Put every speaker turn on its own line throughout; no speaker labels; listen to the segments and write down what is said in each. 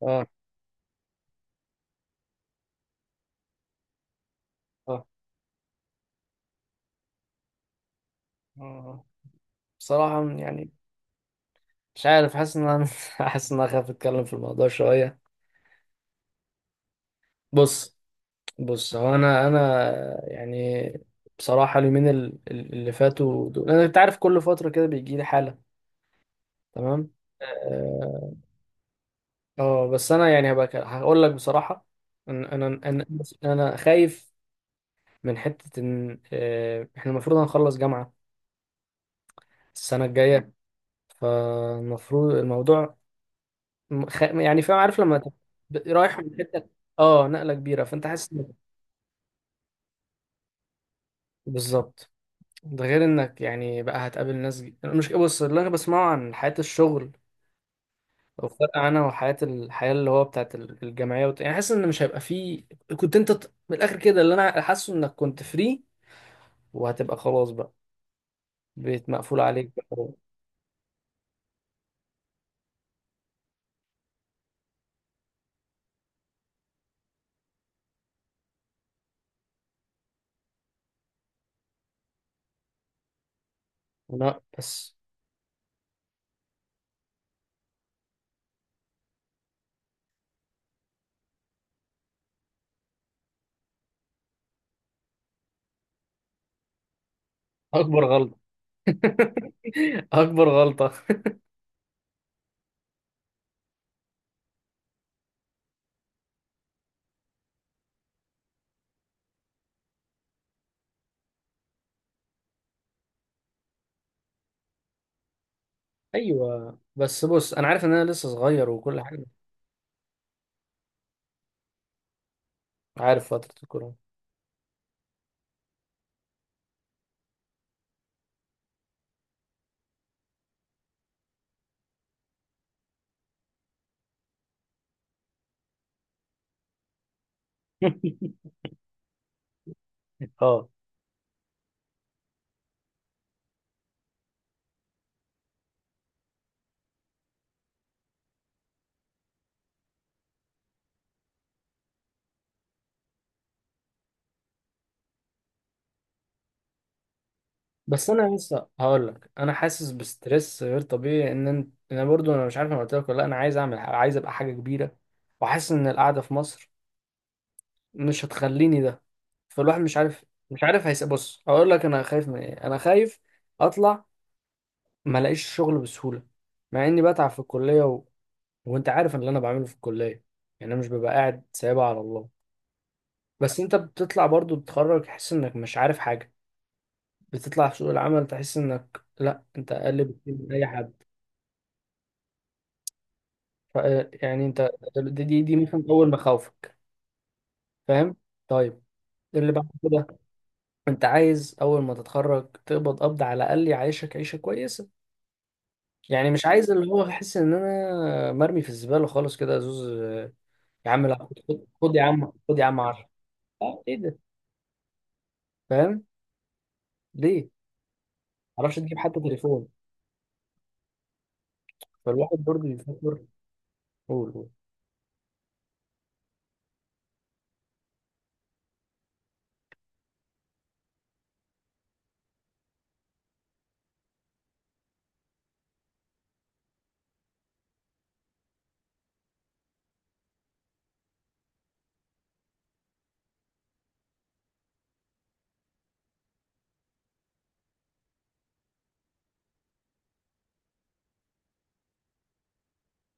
اه، اه، آه. بصراحة يعني مش عارف، حاسس ان انا حاسس ان انا خايف اتكلم في الموضوع شوية. بص بص، هو انا يعني بصراحة اليومين اللي فاتوا دول انا، انت عارف، كل فترة كده بيجي لي حالة. تمام. اه بس انا يعني هبقى هقول لك بصراحة. انا انا انا أنا خايف من حتة ان احنا المفروض هنخلص جامعة السنة الجاية، فالمفروض الموضوع يعني فاهم، عارف لما تبقى رايح من حته. اه، نقله كبيره، فانت حاسس بالظبط. ده غير انك يعني بقى هتقابل ناس، مش بص اللي انا بسمعه عن حياه الشغل او فرق عنها وحياه الحياه اللي هو بتاعت الجامعيه، يعني حاسس ان مش هيبقى فيه. كنت انت من الاخر كده اللي انا حاسه انك كنت فري، وهتبقى خلاص بقى بيت مقفول عليك بقى. لا بس اكبر غلطه. اكبر غلطه. ايوه، بس بص، انا عارف ان انا لسه صغير وكل حاجه. عارف فتره الكورونا. اه بس انا لسه هقول لك، انا حاسس بستريس غير طبيعي، ان انت، انا برضو انا مش عارف انا قلت لك ولا لا، انا عايز اعمل حاجة. عايز ابقى حاجه كبيره، وحاسس ان القعده في مصر مش هتخليني ده. فالواحد مش عارف هيس، بص هقول لك انا خايف من ايه، انا خايف اطلع ما الاقيش شغل بسهوله مع اني بتعب في الكليه وانت عارف اللي انا بعمله في الكليه، يعني انا مش ببقى قاعد سايبها على الله. بس انت بتطلع برضو، بتتخرج تحس انك مش عارف حاجه، بتطلع في سوق العمل تحس انك، لا انت اقل بكتير من اي حد. ف- يعني انت دي مثلا اول مخاوفك، فاهم؟ طيب، اللي بعد كده انت عايز اول ما تتخرج تقبض، قبض على الاقل يعيشك عيشه كويسه، يعني مش عايز اللي هو احس ان انا مرمي في الزباله خالص كده، زوز. يا عم لا، خد خد يا عم، خد يا عم 10. اه ايه ده؟ فاهم؟ ليه؟ ما تعرفش تجيب حتى تليفون. فالواحد برضه بيفكر. قول قول.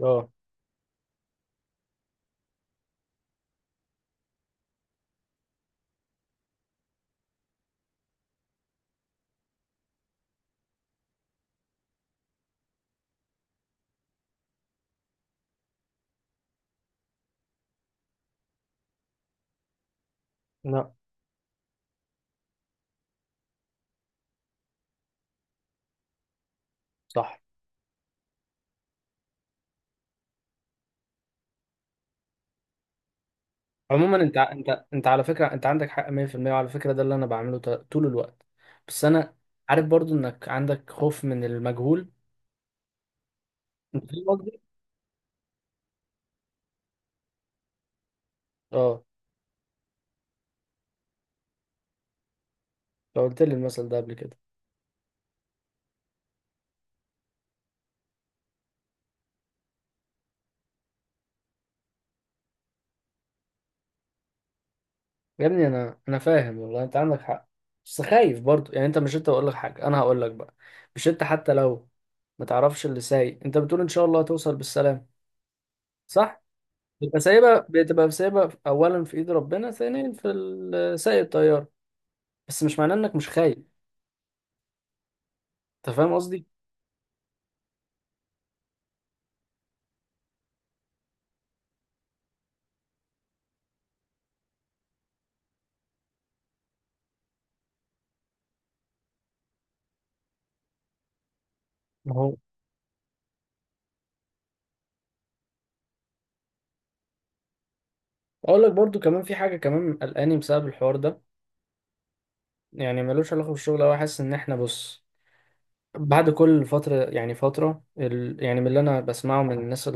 اه. لا صح. عموما انت، انت على فكره، انت عندك حق 100% وعلى فكره ده اللي انا بعمله طول الوقت. بس انا عارف برضو انك عندك خوف من المجهول، انت فاهم قصدي؟ اه. لو قلت لي المثل ده قبل كده. يا ابني انا فاهم والله، انت عندك حق. بس خايف برضو، يعني انت مش، انت بقول لك حاجه انا هقول لك بقى، مش انت حتى لو ما تعرفش اللي سايق، انت بتقول ان شاء الله هتوصل بالسلام، صح؟ بتبقى سايبها، بتبقى سايبها اولا في ايد ربنا، ثانيا في سايق الطياره. بس مش معناه انك مش خايف، انت فاهم قصدي؟ ما هو اقول لك برضو كمان، في حاجه كمان قلقاني بسبب الحوار ده. يعني ملوش علاقه بالشغل أوي، حاسس ان احنا بص بعد كل فتره، يعني فتره يعني من اللي انا بسمعه من الناس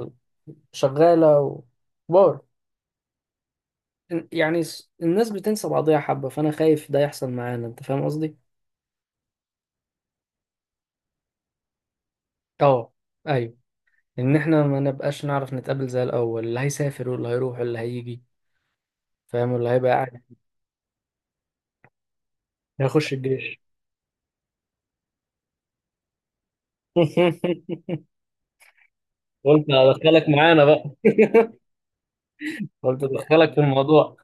الشغاله وبار، يعني الناس بتنسى بعضيها حبه، فانا خايف ده يحصل معانا، انت فاهم قصدي؟ اه. ايوه، ان احنا ما نبقاش نعرف نتقابل زي الاول، اللي هيسافر واللي هيروح واللي هيجي، فاهم، واللي هيبقى قاعد هيخش الجيش. قلت ادخلك معانا بقى، قلت ادخلك في الموضوع.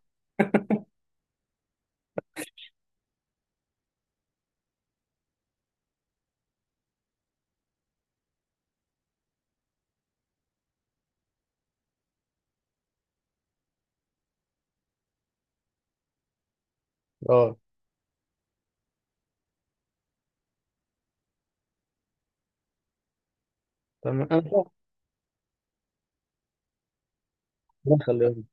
اه تمام انا. ربنا يخليهم.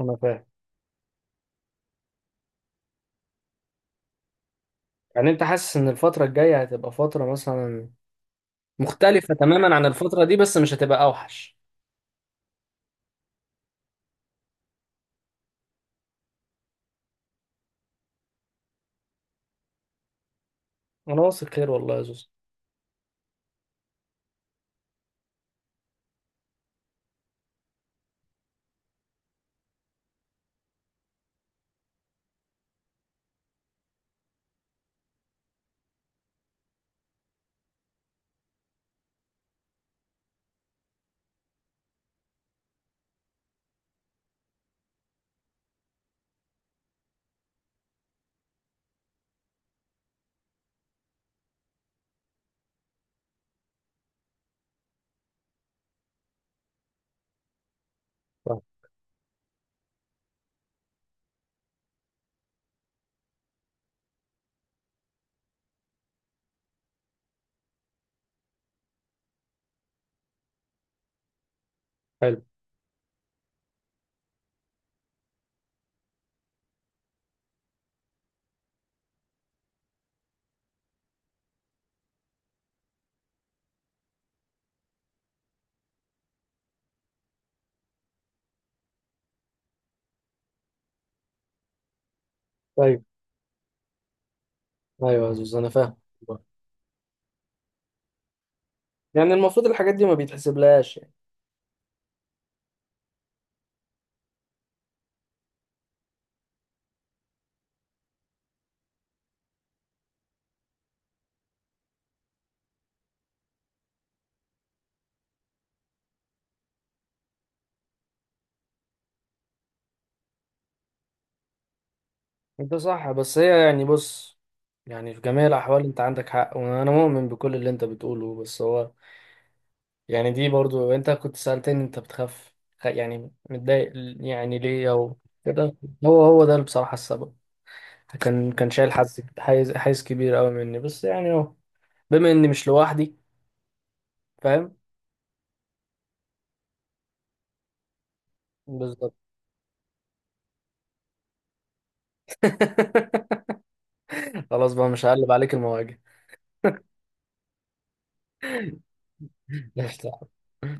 انا فاهم. يعني انت حاسس ان الفترة الجاية هتبقى فترة مثلا مختلفة تماما عن الفترة دي، بس مش هتبقى اوحش. انا واثق خير والله يا زوز. صح. حلو. طيب. ايوه يا زوز انا فاهم. والله. يعني المفروض الحاجات دي ما بيتحسبلهاش يعني. انت صح، بس هي يعني بص، يعني في جميع الاحوال انت عندك حق وانا مؤمن بكل اللي انت بتقوله. بس هو يعني دي برضو، انت كنت سألتني انت بتخاف، يعني متضايق يعني، ليه او كده. هو ده بصراحة السبب. كان شايل حز حيز حيز كبير قوي مني، بس يعني اهو. بما اني مش لوحدي، فاهم. بالظبط. خلاص بقى، مش هقلب عليك المواجع. لا، مش تعرف.